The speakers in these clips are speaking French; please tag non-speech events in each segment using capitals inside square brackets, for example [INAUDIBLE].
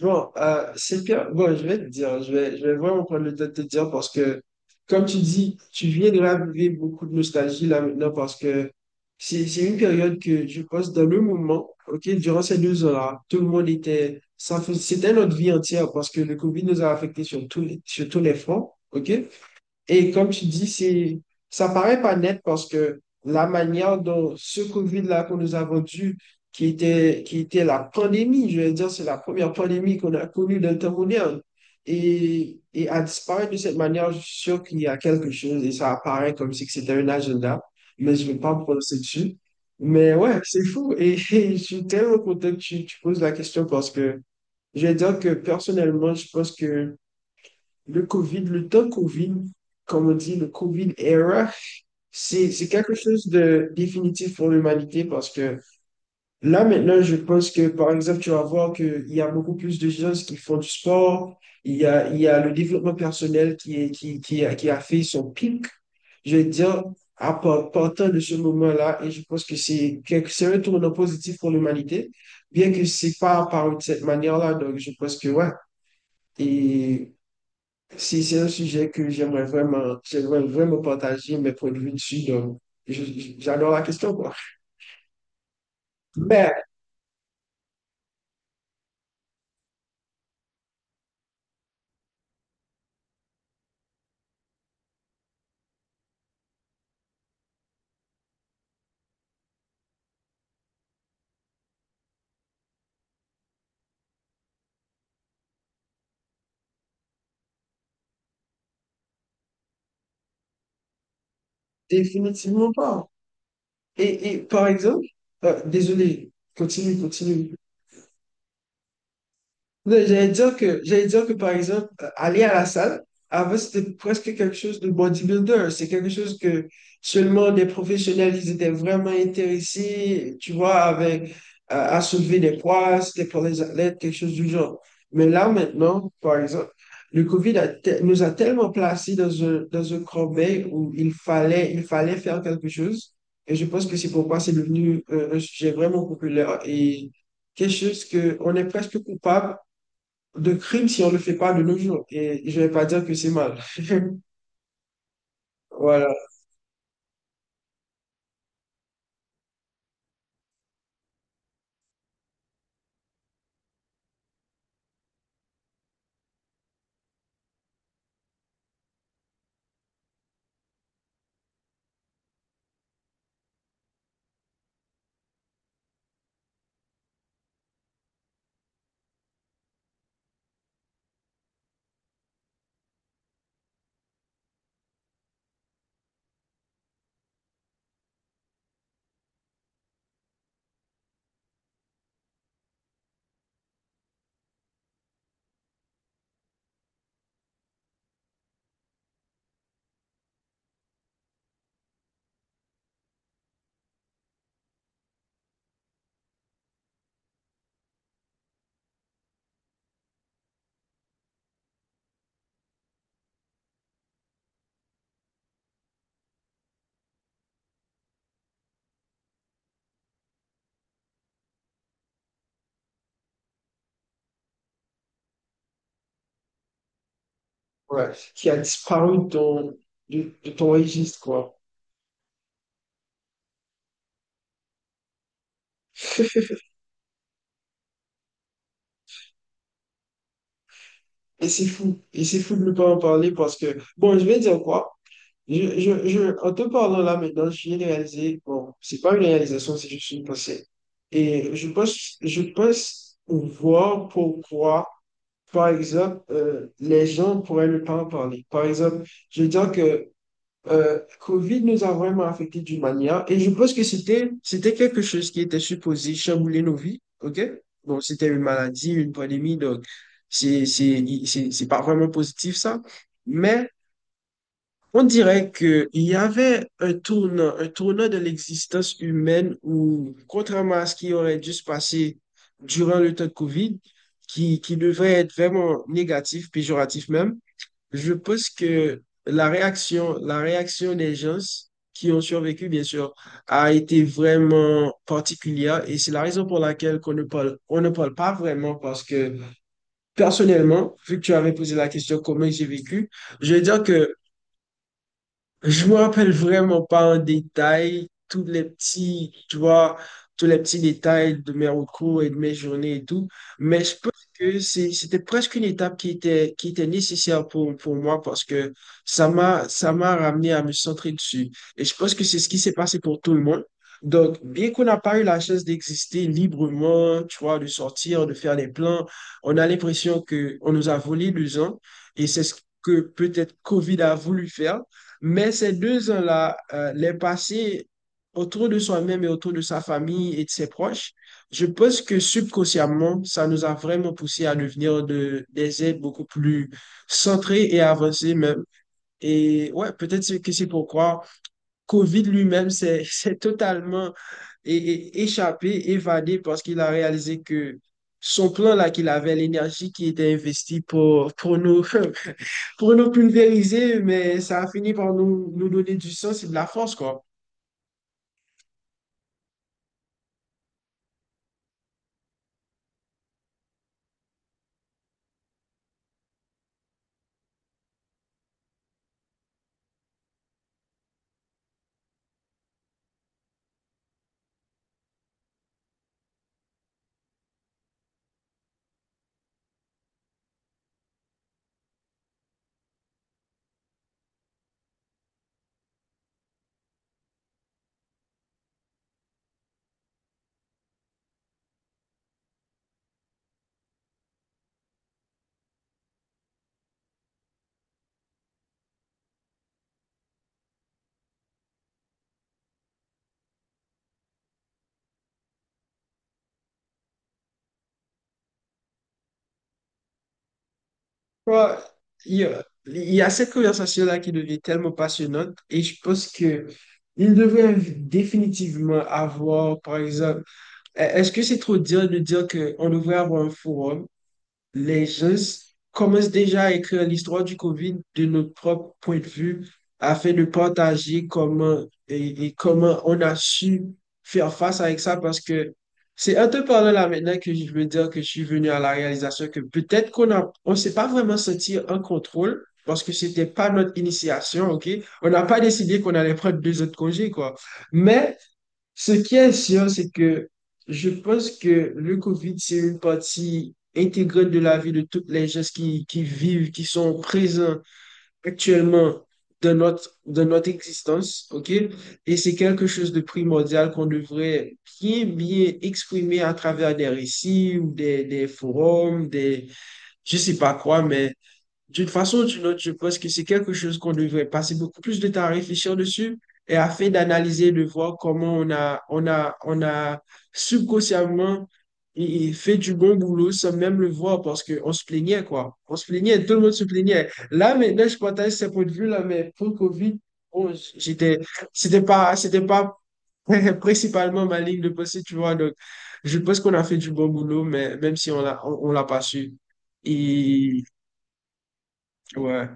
Bon, c'est pire. Bon, je vais te dire, je vais vraiment prendre le temps de te dire parce que, comme tu dis, tu viens de raviver beaucoup de nostalgie là maintenant parce que c'est une période que je pense dans le moment, ok, durant ces 2 ans-là, tout le monde était, c'était notre vie entière parce que le COVID nous a affectés sur tous les fronts, ok? Et comme tu dis, ça paraît pas net parce que la manière dont ce Covid-là qu'on nous a vendu, qui était la pandémie, je veux dire, c'est la première pandémie qu'on a connue dans le temps moderne, et à disparaître de cette manière, je suis sûr qu'il y a quelque chose et ça apparaît comme si que c'était un agenda, mais je ne vais pas me prononcer dessus. Mais ouais, c'est fou et, [LAUGHS] et je suis tellement content que tu poses la question parce que je vais dire que personnellement, je pense que le Covid, le temps Covid, comme on dit, le Covid era, c'est quelque chose de définitif pour l'humanité parce que là, maintenant, je pense que, par exemple, tu vas voir qu'il y a beaucoup plus de gens qui font du sport, il y a le développement personnel qui est, qui a fait son pic, je veux dire, partant de ce moment-là, et je pense que c'est un tournant positif pour l'humanité, bien que c'est pas apparu de cette manière-là, donc je pense que, ouais, et si c'est un sujet que j'aimerais vraiment partager mes points de vue dessus, donc j'adore la question, quoi. Mais définitivement pas. Et par exemple, désolé, continue, continue. Non, J'allais dire que, par exemple, aller à la salle, avant, c'était presque quelque chose de bodybuilder. C'est quelque chose que seulement des professionnels, ils étaient vraiment intéressés, tu vois, avec, à soulever des poids, c'était pour les athlètes, quelque chose du genre. Mais là, maintenant, par exemple, le COVID nous a tellement placés dans un creux où il fallait faire quelque chose. Et je pense que c'est pourquoi c'est devenu un sujet vraiment populaire et quelque chose que on est presque coupable de crime si on ne le fait pas de nos jours. Et je ne vais pas dire que c'est mal. [LAUGHS] Voilà, ouais. Qui a disparu de ton registre, quoi. Et c'est fou. Et c'est fou de ne pas en parler parce que, bon, je vais dire quoi. En te parlant là maintenant, j'ai réalisé, bon, c'est pas une réalisation, c'est juste une pensée. Et je pense voir pourquoi, par exemple, les gens pourraient ne pas en parler. Par exemple, je veux dire que Covid nous a vraiment affectés d'une manière, et je pense que c'était quelque chose qui était supposé chambouler nos vies, ok? Donc, c'était une maladie, une pandémie, donc c'est pas vraiment positif ça, mais on dirait que il y avait un tournant de l'existence humaine où, contrairement à ce qui aurait dû se passer durant le temps de Covid, qui devrait être vraiment négatif, péjoratif même. Je pense que la réaction des gens qui ont survécu, bien sûr, a été vraiment particulière et c'est la raison pour laquelle qu'on ne parle pas vraiment parce que personnellement, vu que tu avais posé la question comment j'ai vécu, je vais dire que je me rappelle vraiment pas en détail tu vois, tous les petits détails de mes recours et de mes journées et tout, mais je pense que c'était presque une étape qui était nécessaire pour moi parce que ça m'a ramené à me centrer dessus. Et je pense que c'est ce qui s'est passé pour tout le monde. Donc, bien qu'on n'a pas eu la chance d'exister librement, tu vois, de sortir, de faire des plans, on a l'impression que on nous a volé 2 ans et c'est ce que peut-être COVID a voulu faire. Mais ces 2 ans-là, les passer autour de soi-même et autour de sa famille et de ses proches, je pense que subconsciemment, ça nous a vraiment poussé à devenir des êtres beaucoup plus centrés et avancés même. Et ouais, peut-être que c'est pourquoi COVID lui-même s'est [LAUGHS] s'est totalement échappé, évadé, parce qu'il a réalisé que son plan là qu'il avait, l'énergie qui était investie pour nous, [LAUGHS] pour nous pulvériser, mais ça a fini par nous donner du sens et de la force, quoi. Quoi, il y a cette conversation-là qui devient tellement passionnante et je pense que il devrait définitivement avoir, par exemple, est-ce que c'est trop dire de dire qu'on devrait avoir un forum? Les gens commencent déjà à écrire l'histoire du COVID de notre propre point de vue afin de partager comment et comment on a su faire face avec ça parce que c'est en te parlant là maintenant que je veux dire que je suis venu à la réalisation que peut-être qu'on s'est pas vraiment senti en contrôle parce que c'était pas notre initiation, OK? On n'a pas décidé qu'on allait prendre deux autres congés, quoi. Mais ce qui est sûr, c'est que je pense que le COVID, c'est une partie intégrante de la vie de toutes les gens qui vivent, qui sont présents actuellement dans notre existence, OK? Et c'est quelque chose de primordial qu'on devrait bien, bien exprimer à travers des récits ou des forums, je sais pas quoi, mais d'une façon ou d'une autre, je pense que c'est quelque chose qu'on devrait passer beaucoup plus de temps à réfléchir dessus et afin d'analyser, de voir comment on a subconsciemment et fait du bon boulot sans même le voir parce qu'on se plaignait, quoi. On se plaignait, tout le monde se plaignait. Là, maintenant, je partage ce point de vue-là, mais pour COVID, bon, c'était pas [LAUGHS] principalement ma ligne de pensée, tu vois. Donc, je pense qu'on a fait du bon boulot, mais même si on l'a pas su. Et, ouais.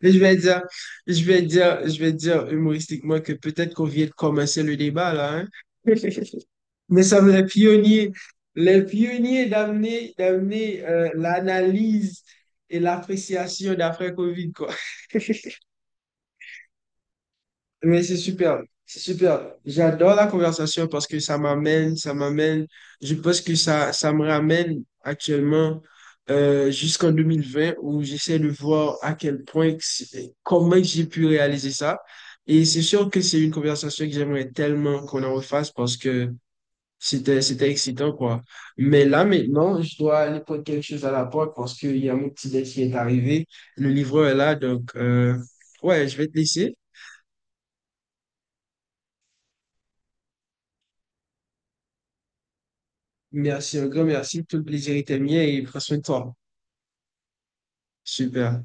Mais Je vais dire, je vais dire, je vais dire humoristiquement que peut-être qu'on vient de commencer le débat là, hein. [LAUGHS] Mais ça les pionniers d'amener l'analyse et l'appréciation d'après Covid, quoi. Mais c'est super, c'est super. J'adore la conversation parce que je pense que ça me ramène actuellement jusqu'en 2020 où j'essaie de voir à quel point, que comment j'ai pu réaliser ça. Et c'est sûr que c'est une conversation que j'aimerais tellement qu'on en refasse parce que c'était excitant, quoi. Mais là, maintenant, je dois aller prendre quelque chose à la porte parce qu'il y a mon petit déj qui est arrivé. Le livreur est là, donc, ouais, je vais te laisser. Merci un grand merci. Tout le plaisir était mien et prends soin de toi. Super.